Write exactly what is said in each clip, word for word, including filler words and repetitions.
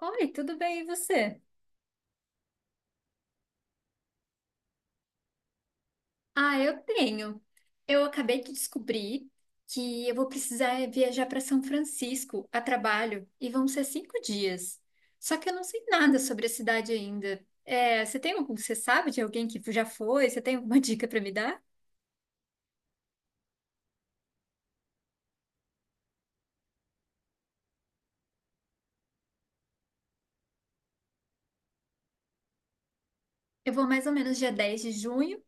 Oi, tudo bem, e você? Ah, eu tenho. Eu acabei de descobrir que eu vou precisar viajar para São Francisco a trabalho e vão ser cinco dias. Só que eu não sei nada sobre a cidade ainda. É, você tem algum, você sabe de alguém que já foi? Você tem alguma dica para me dar? Eu vou mais ou menos dia dez de junho.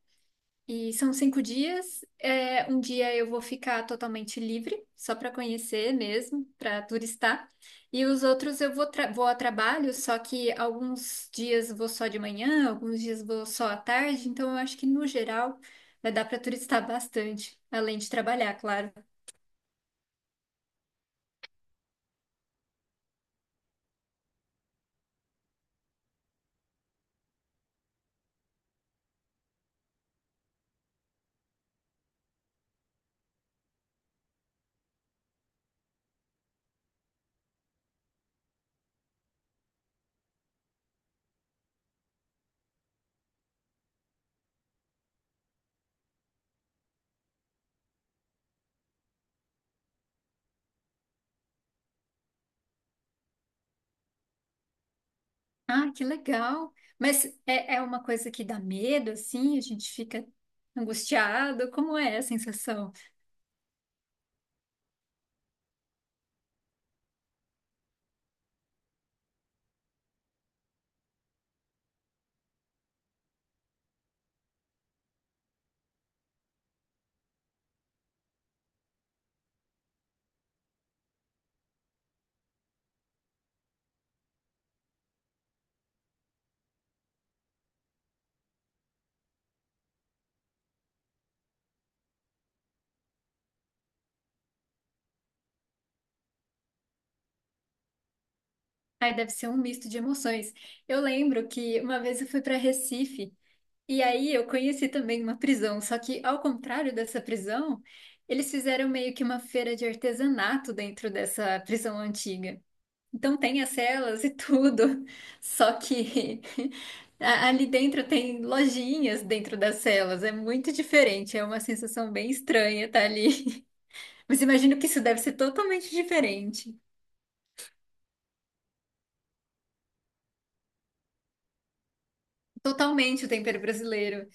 E são cinco dias. É, um dia eu vou ficar totalmente livre, só para conhecer mesmo, para turistar. E os outros eu vou, tra- vou a trabalho, só que alguns dias vou só de manhã, alguns dias vou só à tarde. Então eu acho que no geral vai dar para turistar bastante, além de trabalhar, claro. Ah, que legal! Mas é, é uma coisa que dá medo, assim, a gente fica angustiado. Como é a sensação? Aí deve ser um misto de emoções. Eu lembro que uma vez eu fui para Recife e aí eu conheci também uma prisão, só que ao contrário dessa prisão, eles fizeram meio que uma feira de artesanato dentro dessa prisão antiga. Então tem as celas e tudo, só que a- ali dentro tem lojinhas dentro das celas, é muito diferente, é uma sensação bem estranha estar ali. Mas imagino que isso deve ser totalmente diferente. Totalmente o tempero brasileiro.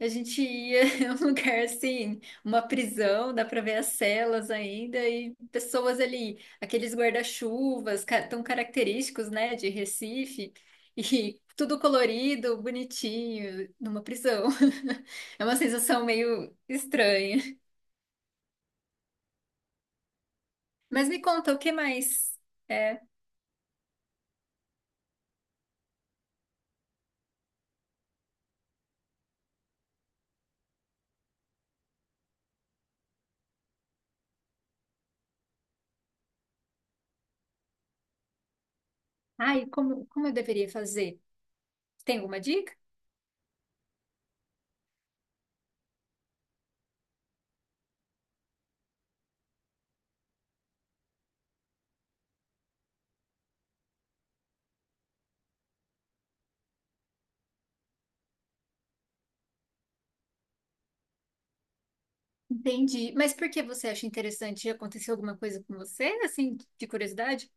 A gente ia em um lugar assim, uma prisão, dá para ver as celas ainda e pessoas ali, aqueles guarda-chuvas ca- tão característicos, né, de Recife, e tudo colorido, bonitinho, numa prisão. É uma sensação meio estranha. Mas me conta, o que mais é? Ai, como, como eu deveria fazer? Tem alguma dica? Entendi. Mas por que você acha interessante? Aconteceu alguma coisa com você, assim, de curiosidade?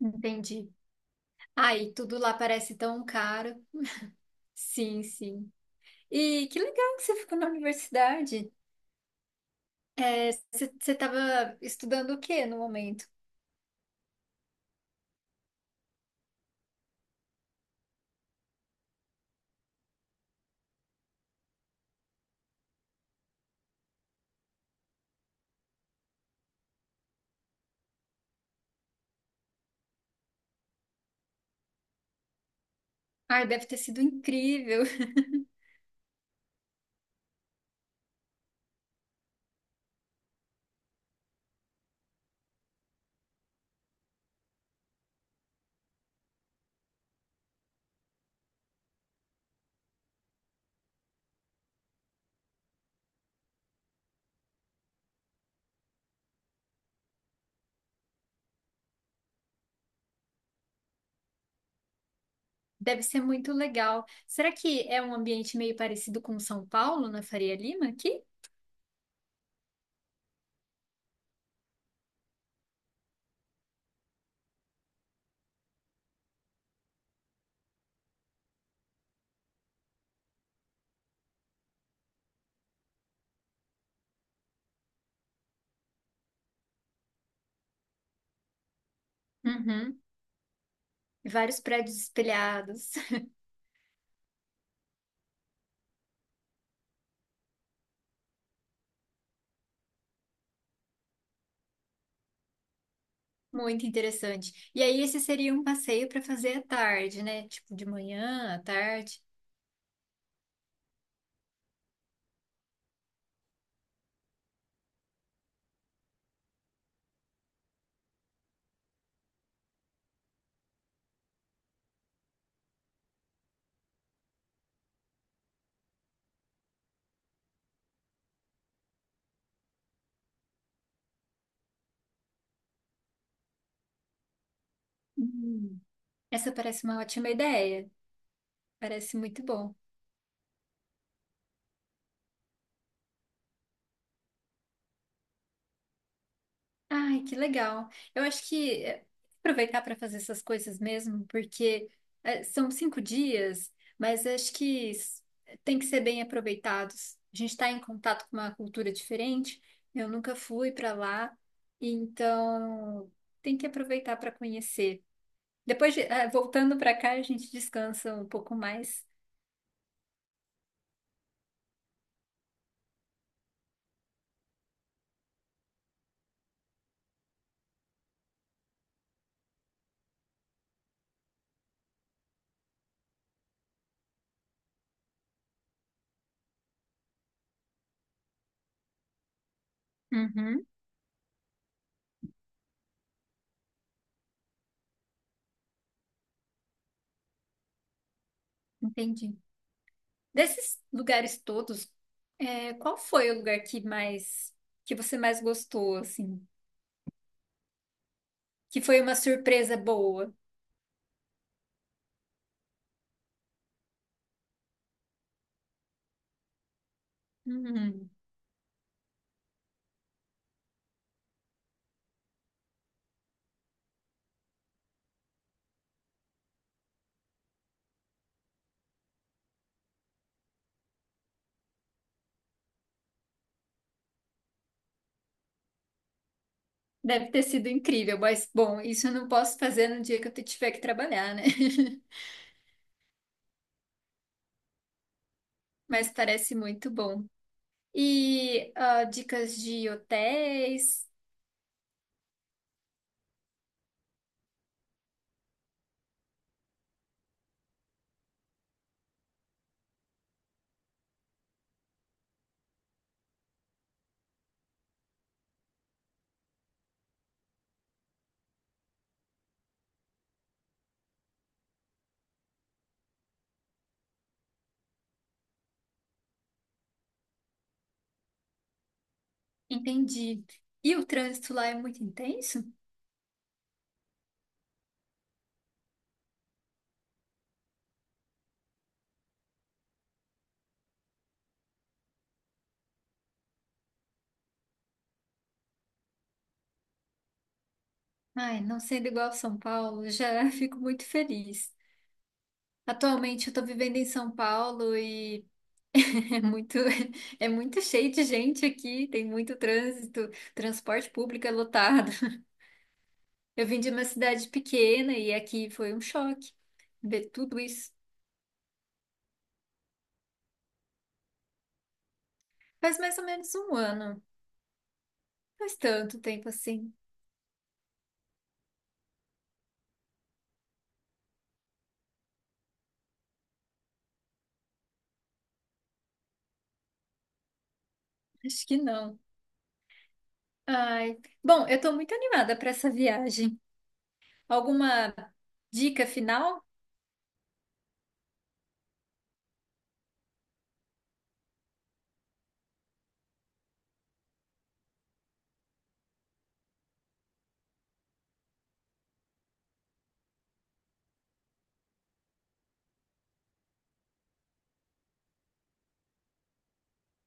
Entendi. Ai, tudo lá parece tão caro. Sim, sim. E que legal que você ficou na universidade. Você estava estudando o que no momento? Ai, deve ter sido incrível. Deve ser muito legal. Será que é um ambiente meio parecido com São Paulo, na Faria Lima, aqui? Uhum. Vários prédios espelhados. Muito interessante. E aí, esse seria um passeio para fazer à tarde, né? Tipo, de manhã, à tarde. Hum, Essa parece uma ótima ideia. Parece muito bom. Ai, que legal. Eu acho que é, aproveitar para fazer essas coisas mesmo, porque é, são cinco dias, mas acho que s- tem que ser bem aproveitados. A gente está em contato com uma cultura diferente. Eu nunca fui para lá, então tem que aproveitar para conhecer. Depois, de- ah, voltando para cá, a gente descansa um pouco mais. Uhum, entendi. Desses lugares todos, é, qual foi o lugar que mais, que você mais gostou, assim? Que foi uma surpresa boa? Uhum. Deve ter sido incrível, mas, bom, isso eu não posso fazer no dia que eu tiver que trabalhar, né? Mas parece muito bom. E ah, dicas de hotéis, entendi. E o trânsito lá é muito intenso? Ai, não sendo igual a São Paulo, já fico muito feliz. Atualmente eu tô vivendo em São Paulo e é muito, é muito cheio de gente aqui, tem muito trânsito, transporte público é lotado. Eu vim de uma cidade pequena e aqui foi um choque ver tudo isso. Faz mais ou menos um ano, faz tanto tempo assim, acho que não. Ai, bom, eu tô muito animada para essa viagem. Alguma dica final?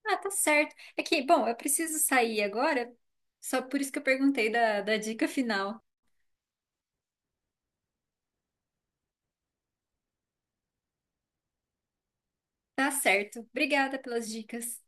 Ah, tá certo. É que, bom, eu preciso sair agora, só por isso que eu perguntei da, da dica final. Tá certo. Obrigada pelas dicas.